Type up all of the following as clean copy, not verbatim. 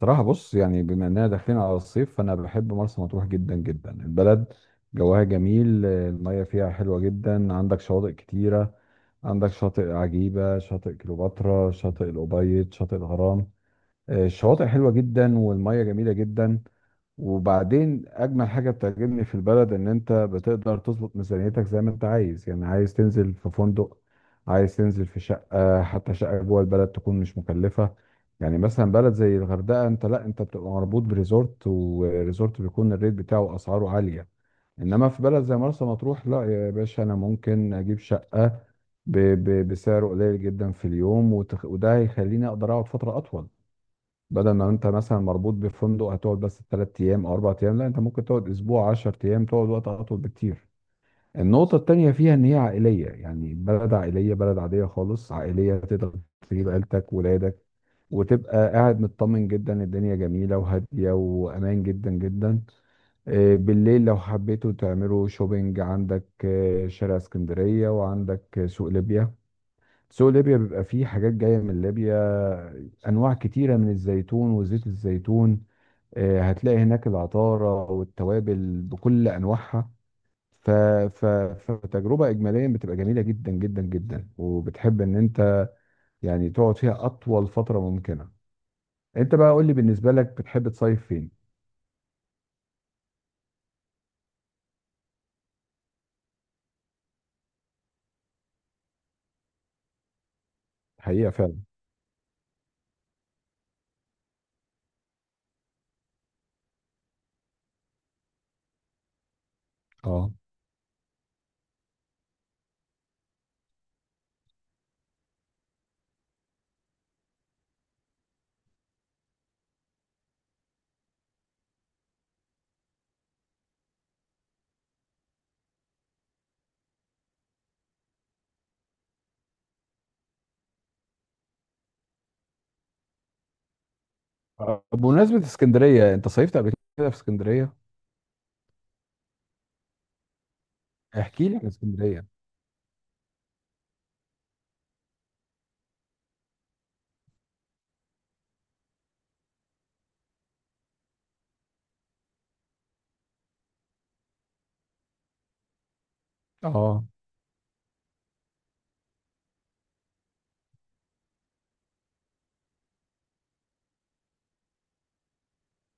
صراحة بص، يعني بما اننا داخلين على الصيف فانا بحب مرسى مطروح جدا جدا. البلد جواها جميل، المية فيها حلوة جدا، عندك شواطئ كتيرة. عندك شاطئ عجيبة، شاطئ كليوباترا، شاطئ الأبيض، شاطئ الغرام. الشواطئ حلوه جدا والميه جميله جدا. وبعدين اجمل حاجه بتعجبني في البلد ان انت بتقدر تظبط ميزانيتك زي ما انت عايز. يعني عايز تنزل في فندق، عايز تنزل في شقه، حتى شقه جوه البلد تكون مش مكلفه. يعني مثلا بلد زي الغردقه انت، لا انت بتبقى مربوط بريزورت، وريزورت بيكون الريت بتاعه اسعاره عاليه. انما في بلد زي مرسى مطروح، لا يا باشا، انا ممكن اجيب شقه ب- بسعر قليل جدا في اليوم، وده هيخليني اقدر اقعد فتره اطول. بدل ما انت مثلا مربوط بفندق هتقعد بس ثلاث ايام او اربع ايام، لا انت ممكن تقعد اسبوع، 10 ايام، تقعد وقت اطول بكتير. النقطة التانية فيها ان هي عائلية، يعني بلد عائلية، بلد عادية خالص عائلية، تقدر تجيب عيلتك ولادك وتبقى قاعد مطمن جدا. الدنيا جميلة وهادية وامان جدا جدا. بالليل لو حبيتوا تعملوا شوبينج عندك شارع اسكندرية، وعندك سوق ليبيا. سوق ليبيا بيبقى فيه حاجات جاية من ليبيا، أنواع كتيرة من الزيتون وزيت الزيتون. هتلاقي هناك العطارة والتوابل بكل أنواعها. ف... ف... فتجربة إجماليا بتبقى جميلة جدا جدا جدا، وبتحب إن أنت يعني تقعد فيها أطول فترة ممكنة. أنت بقى قول لي، بالنسبة لك بتحب تصيف فين؟ حقيقة فعلا. اه. بمناسبة اسكندرية، أنت صيفت قبل كده في اسكندرية؟ احكي لي عن اسكندرية. اه.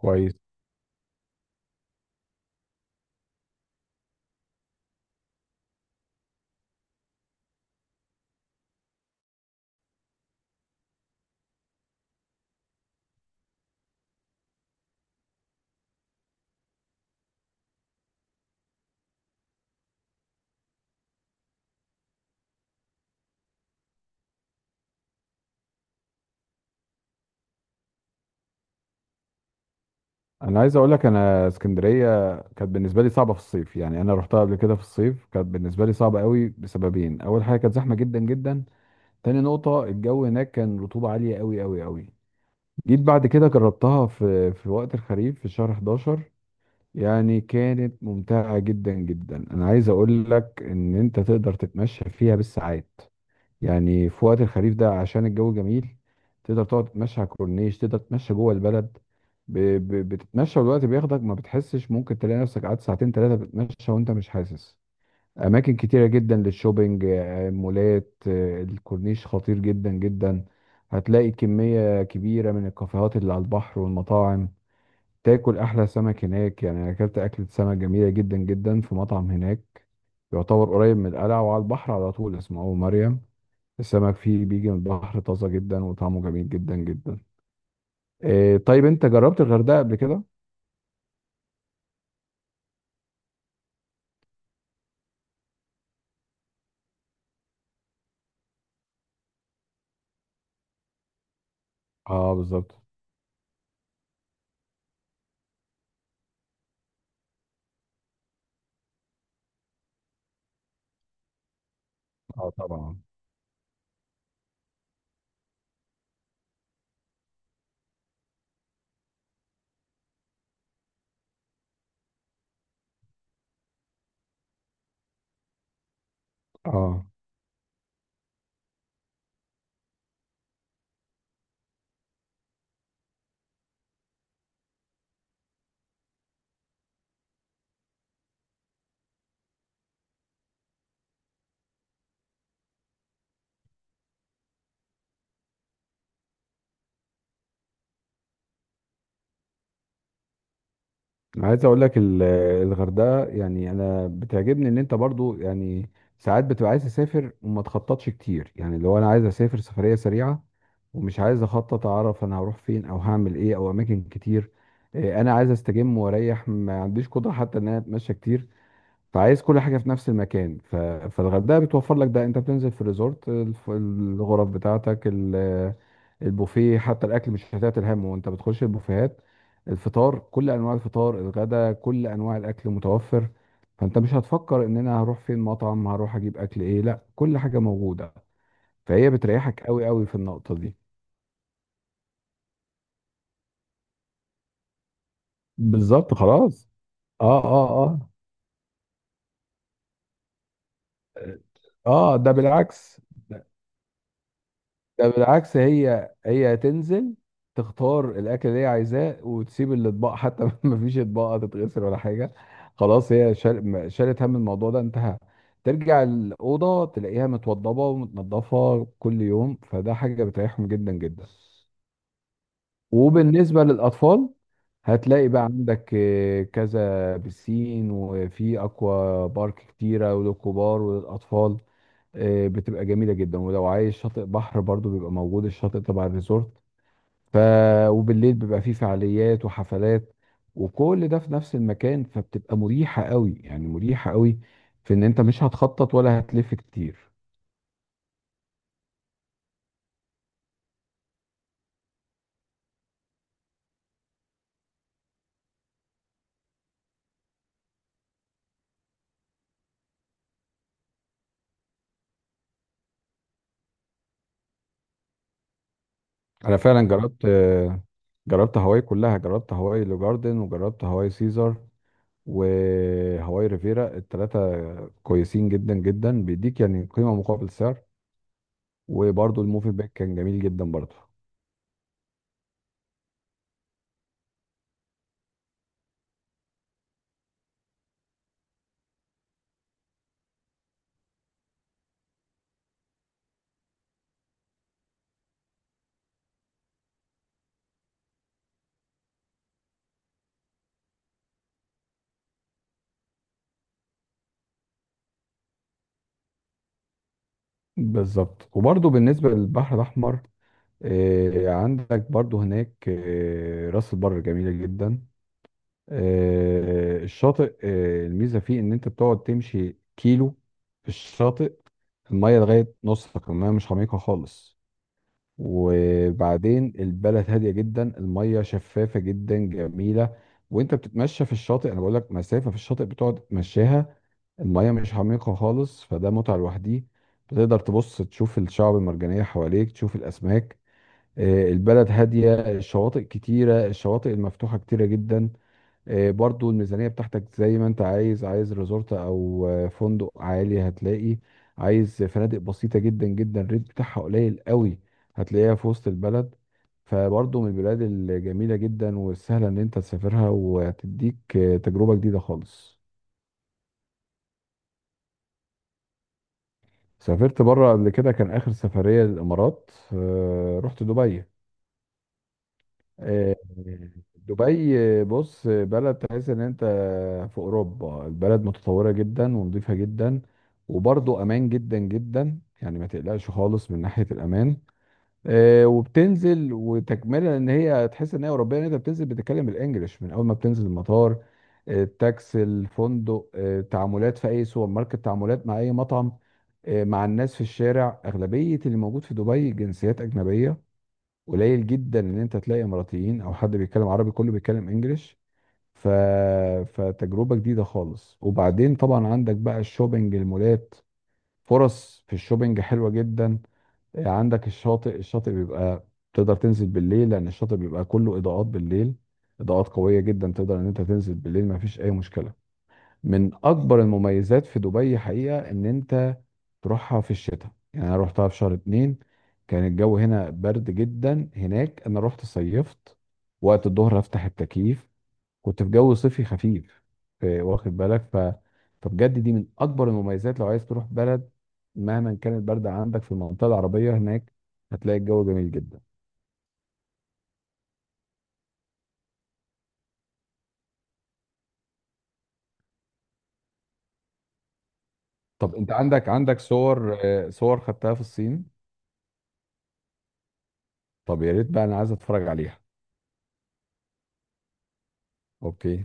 كويس. انا عايز اقول لك، انا اسكندريه كانت بالنسبه لي صعبه في الصيف. يعني انا رحتها قبل كده في الصيف، كانت بالنسبه لي صعبه قوي بسببين. اول حاجه، كانت زحمه جدا جدا. تاني نقطه، الجو هناك كان رطوبه عاليه قوي قوي قوي. جيت بعد كده جربتها في وقت الخريف، في شهر 11، يعني كانت ممتعه جدا جدا. انا عايز اقول لك ان انت تقدر تتمشى فيها بالساعات. يعني في وقت الخريف ده عشان الجو جميل، تقدر تقعد تتمشى على الكورنيش، تقدر تتمشى جوه البلد. ب... ب... بتتمشى والوقت بياخدك ما بتحسش، ممكن تلاقي نفسك قعدت ساعتين ثلاثة بتتمشى وانت مش حاسس. أماكن كتيرة جدا للشوبينج، مولات، الكورنيش خطير جدا جدا. هتلاقي كمية كبيرة من الكافيهات اللي على البحر والمطاعم. تاكل أحلى سمك هناك. يعني أنا أكلت أكلة سمك جميلة جدا جدا في مطعم هناك، يعتبر قريب من القلعة وعلى البحر على طول، اسمه أبو مريم. السمك فيه بيجي من البحر طازة جدا وطعمه جميل جدا جدا. إيه طيب، انت جربت الغردقة قبل كده؟ اه بالظبط. اه طبعا. اه. انا عايز اقول لك الغردقة، يعني انا بتعجبني ان انت برضو يعني ساعات بتبقى عايز تسافر وما تخططش كتير. يعني لو انا عايز اسافر سفرية سريعة ومش عايز اخطط، اعرف انا هروح فين او هعمل ايه او اماكن كتير، إيه، انا عايز استجم واريح، ما عنديش قدرة حتى ان انا اتمشى كتير. فعايز كل حاجه في نفس المكان. فالغردقه بتوفر لك ده. انت بتنزل في الريزورت، الغرف بتاعتك، البوفيه، حتى الاكل مش هتعتل همه وانت بتخش البوفيهات. الفطار كل انواع الفطار، الغدا كل انواع الاكل متوفر. فانت مش هتفكر ان انا هروح فين مطعم، هروح اجيب اكل ايه، لا كل حاجه موجوده. فهي بتريحك قوي قوي في النقطه دي. بالظبط خلاص. اه اه اه. اه ده بالعكس. ده بالعكس، هي تنزل تختار الاكل اللي هي عايزاه وتسيب الاطباق، حتى مفيش اطباق هتتغسل ولا حاجه. خلاص، هي شالت هم الموضوع ده، انتهى. ترجع الاوضه تلاقيها متوضبه ومتنضفه كل يوم، فده حاجه بتريحهم جدا جدا. وبالنسبة للأطفال، هتلاقي بقى عندك كذا بسين، وفي أكوا بارك كتيرة، وللكبار وللأطفال. بتبقى جميلة جدا. ولو عايز شاطئ بحر برضو بيبقى موجود، الشاطئ تبع الريزورت. ف وبالليل بيبقى فيه فعاليات وحفلات، وكل ده في نفس المكان. فبتبقى مريحة قوي، يعني مريحة قوي، في إن أنت مش هتخطط ولا هتلف كتير. أنا فعلا جربت، جربت هواي كلها. جربت هواي لو جاردن، وجربت هواي سيزر، وهواي ريفيرا، الثلاثة كويسين جدا جدا، بيديك يعني قيمة مقابل سعر. وبرضه الموفي باك كان جميل جدا برضه. بالظبط. وبرضه بالنسبة للبحر الأحمر، عندك برضه هناك راس البر جميلة جدا. الشاطئ، الميزة فيه إن أنت بتقعد تمشي كيلو في الشاطئ، المية لغاية نصك، المية مش عميقة خالص. وبعدين البلد هاديه جدا، الميه شفافه جدا جميله. وانت بتتمشى في الشاطئ، انا بقول لك مسافه في الشاطئ بتقعد تمشيها، الميه مش عميقه خالص، فده متعه لوحديه. بتقدر تبص تشوف الشعب المرجانيه حواليك، تشوف الاسماك. البلد هاديه، الشواطئ كتيره، الشواطئ المفتوحه كتيره جدا. برضو الميزانية بتاعتك زي ما انت عايز. عايز ريزورت او فندق عالي هتلاقي، عايز فنادق بسيطة جدا جدا الريت بتاعها قليل قوي هتلاقيها في وسط البلد. فبرضو من البلاد الجميلة جدا والسهلة ان انت تسافرها، وتديك تجربة جديدة خالص. سافرت بره قبل كده، كان اخر سفرية للامارات، رحت دبي. آه، دبي، بص، بلد تحس ان انت في اوروبا. البلد متطوره جدا ونظيفه جدا، وبرضه امان جدا جدا، يعني ما تقلقش خالص من ناحيه الامان. وبتنزل وتكمله ان هي تحس ان هي اوروبيه، ان انت بتنزل بتتكلم الانجليش من اول ما بتنزل المطار. التاكسي، الفندق، تعاملات في اي سوبر ماركت، تعاملات مع اي مطعم، مع الناس في الشارع. اغلبيه اللي موجود في دبي جنسيات اجنبيه، قليل جدا ان انت تلاقي اماراتيين او حد بيتكلم عربي، كله بيتكلم انجليش. ف... فتجربة جديدة خالص. وبعدين طبعا عندك بقى الشوبينج، المولات، فرص في الشوبينج حلوة جدا. عندك الشاطئ، الشاطئ بيبقى تقدر تنزل بالليل، لان الشاطئ بيبقى كله اضاءات بالليل، اضاءات قوية جدا، تقدر ان انت تنزل بالليل ما فيش اي مشكلة. من اكبر المميزات في دبي حقيقه ان انت تروحها في الشتاء. يعني انا روحتها في شهر 2، كان الجو هنا برد جدا، هناك انا رحت صيفت. وقت الظهر افتح التكييف، كنت في جو صيفي خفيف. واخد بالك؟ فبجد دي من اكبر المميزات، لو عايز تروح بلد مهما كان البرد عندك في المنطقه العربيه، هناك هتلاقي الجو جميل جدا. طب انت عندك، عندك صور، صور خدتها في الصين؟ طب يا ريت بقى، انا عايز اتفرج عليها. اوكي